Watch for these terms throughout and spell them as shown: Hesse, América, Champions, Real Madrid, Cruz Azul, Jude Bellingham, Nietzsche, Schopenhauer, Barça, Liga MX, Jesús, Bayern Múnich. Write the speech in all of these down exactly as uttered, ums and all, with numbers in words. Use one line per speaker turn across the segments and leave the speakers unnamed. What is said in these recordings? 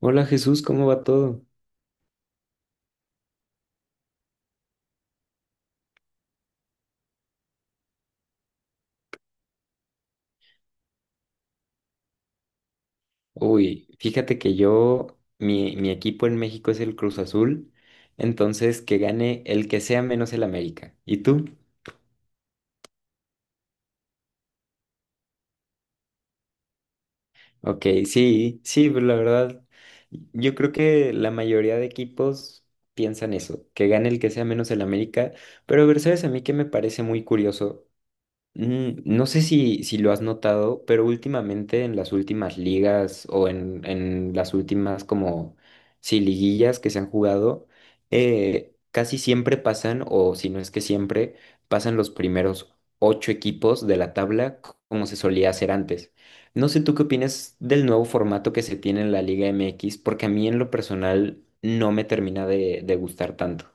Hola Jesús, ¿cómo va todo? Uy, fíjate que yo, mi, mi equipo en México es el Cruz Azul, entonces que gane el que sea menos el América. ¿Y tú? Ok, sí, sí, pero la verdad, yo creo que la mayoría de equipos piensan eso, que gane el que sea menos el América, pero a ver, ¿sabes a mí que me parece muy curioso? Mm, No sé si, si lo has notado, pero últimamente en las últimas ligas o en, en las últimas como sí, liguillas que se han jugado, eh, casi siempre pasan, o si no es que siempre, pasan los primeros ocho equipos de la tabla c- como se solía hacer antes. No sé tú qué opinas del nuevo formato que se tiene en la Liga M X, porque a mí en lo personal no me termina de, de gustar tanto.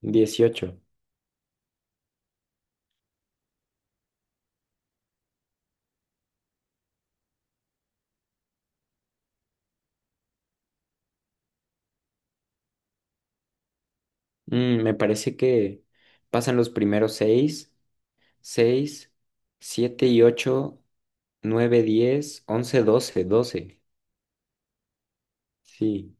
Dieciocho. Mm, me parece que pasan los primeros seis. Seis. Siete y ocho. Nueve, diez, once, doce. Doce. Sí.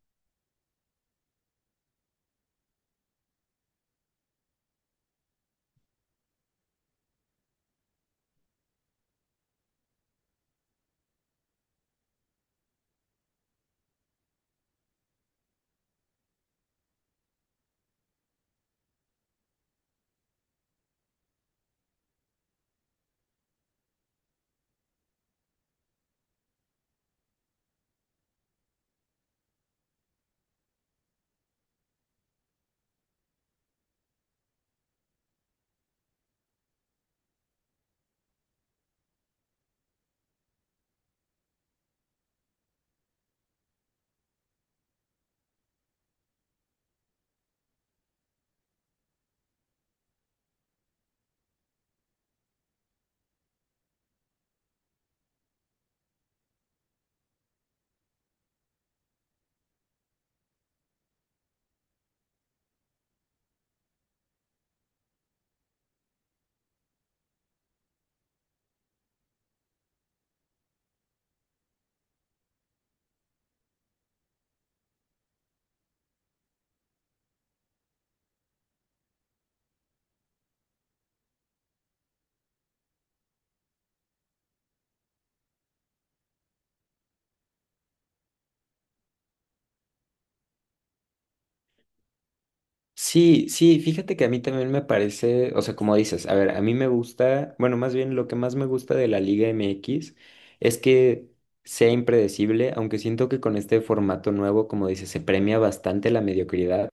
Sí, sí, fíjate que a mí también me parece, o sea, como dices, a ver, a mí me gusta, bueno, más bien lo que más me gusta de la Liga M X es que sea impredecible, aunque siento que con este formato nuevo, como dices, se premia bastante la mediocridad,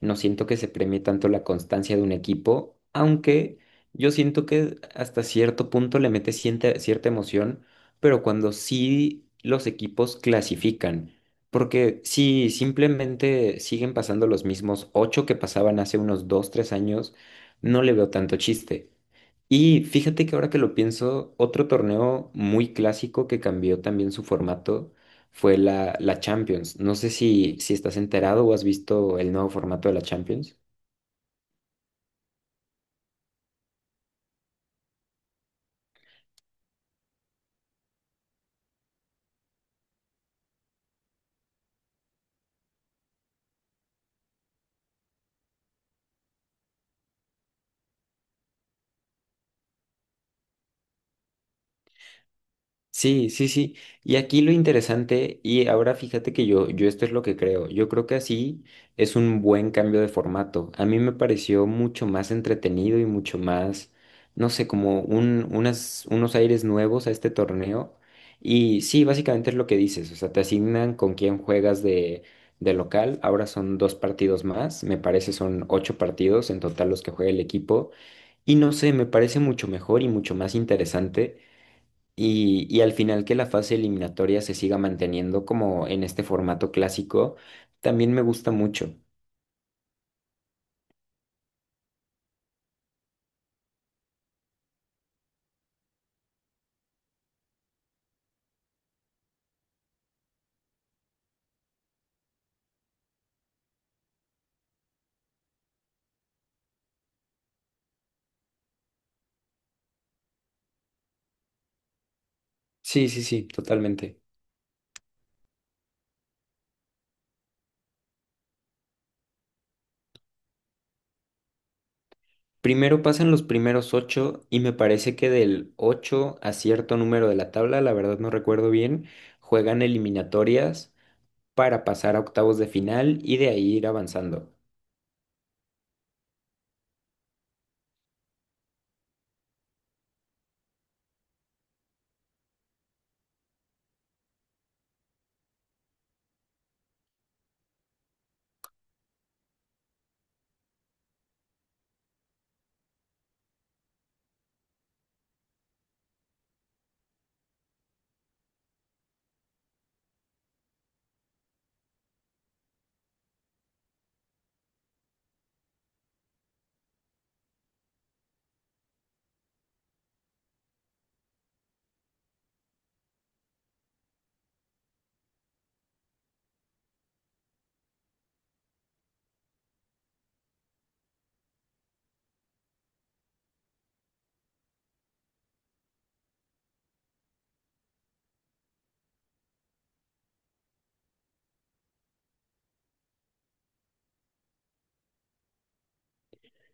no siento que se premie tanto la constancia de un equipo, aunque yo siento que hasta cierto punto le mete cierta, cierta emoción, pero cuando sí los equipos clasifican. Porque si simplemente siguen pasando los mismos ocho que pasaban hace unos dos, tres años, no le veo tanto chiste. Y fíjate que ahora que lo pienso, otro torneo muy clásico que cambió también su formato fue la, la Champions. No sé si, si estás enterado o has visto el nuevo formato de la Champions. Sí, sí, sí. Y aquí lo interesante, y ahora fíjate que yo, yo esto es lo que creo. Yo creo que así es un buen cambio de formato. A mí me pareció mucho más entretenido y mucho más, no sé, como un, unas, unos aires nuevos a este torneo. Y sí, básicamente es lo que dices. O sea, te asignan con quién juegas de, de local. Ahora son dos partidos más. Me parece son ocho partidos en total los que juega el equipo. Y no sé, me parece mucho mejor y mucho más interesante y, y al final que la fase eliminatoria se siga manteniendo como en este formato clásico, también me gusta mucho. Sí, sí, sí, totalmente. Primero pasan los primeros ocho y me parece que del ocho a cierto número de la tabla, la verdad no recuerdo bien, juegan eliminatorias para pasar a octavos de final y de ahí ir avanzando.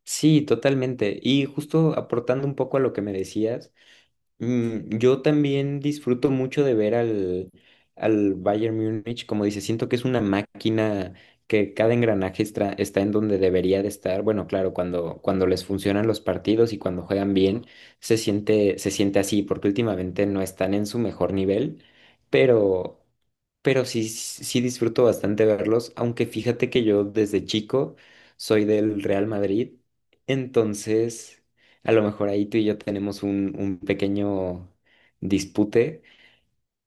Sí, totalmente. Y justo aportando un poco a lo que me decías. Mm, yo también disfruto mucho de ver al, al Bayern Múnich, como dice, siento que es una máquina que cada engranaje está, está en donde debería de estar. Bueno, claro, cuando, cuando les funcionan los partidos y cuando juegan bien, se siente, se siente así, porque últimamente no están en su mejor nivel, pero, pero sí, sí disfruto bastante verlos, aunque fíjate que yo desde chico soy del Real Madrid, entonces... A lo mejor ahí tú y yo tenemos un, un pequeño dispute.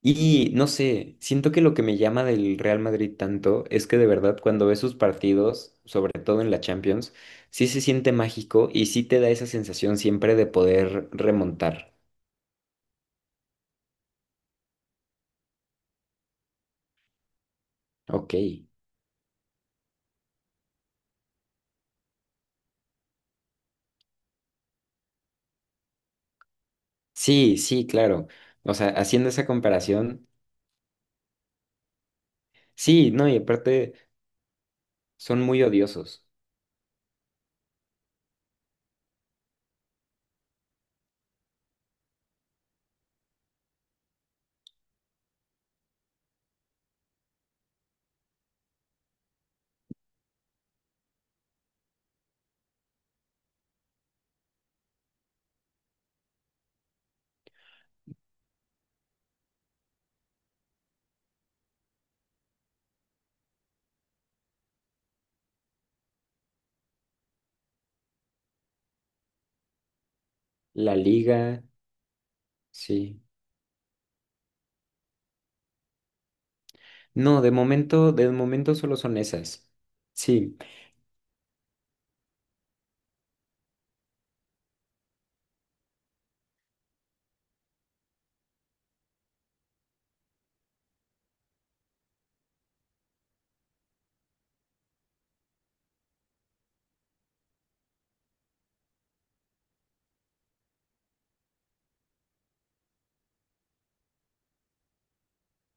Y no sé, siento que lo que me llama del Real Madrid tanto es que de verdad cuando ves sus partidos, sobre todo en la Champions, sí se siente mágico y sí te da esa sensación siempre de poder remontar. Ok. Sí, sí, claro. O sea, haciendo esa comparación, sí, no, y aparte son muy odiosos. La liga, sí. No, de momento, de momento solo son esas. Sí.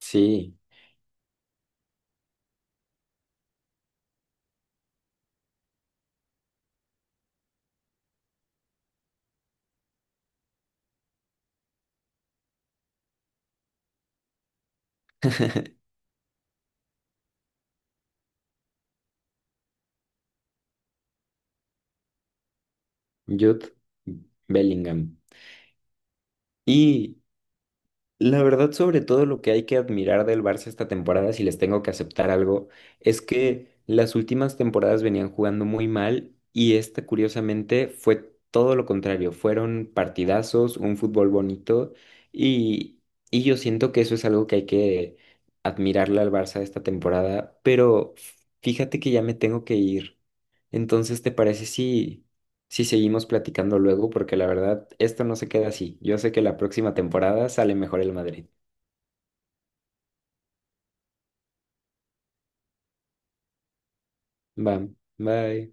Sí. Jude Bellingham. Y la verdad, sobre todo lo que hay que admirar del Barça esta temporada, si les tengo que aceptar algo, es que las últimas temporadas venían jugando muy mal y esta, curiosamente, fue todo lo contrario. Fueron partidazos, un fútbol bonito y, y yo siento que eso es algo que hay que admirarle al Barça esta temporada, pero fíjate que ya me tengo que ir. Entonces, ¿te parece si, si seguimos platicando luego? Porque la verdad, esto no se queda así. Yo sé que la próxima temporada sale mejor el Madrid. Va, bye.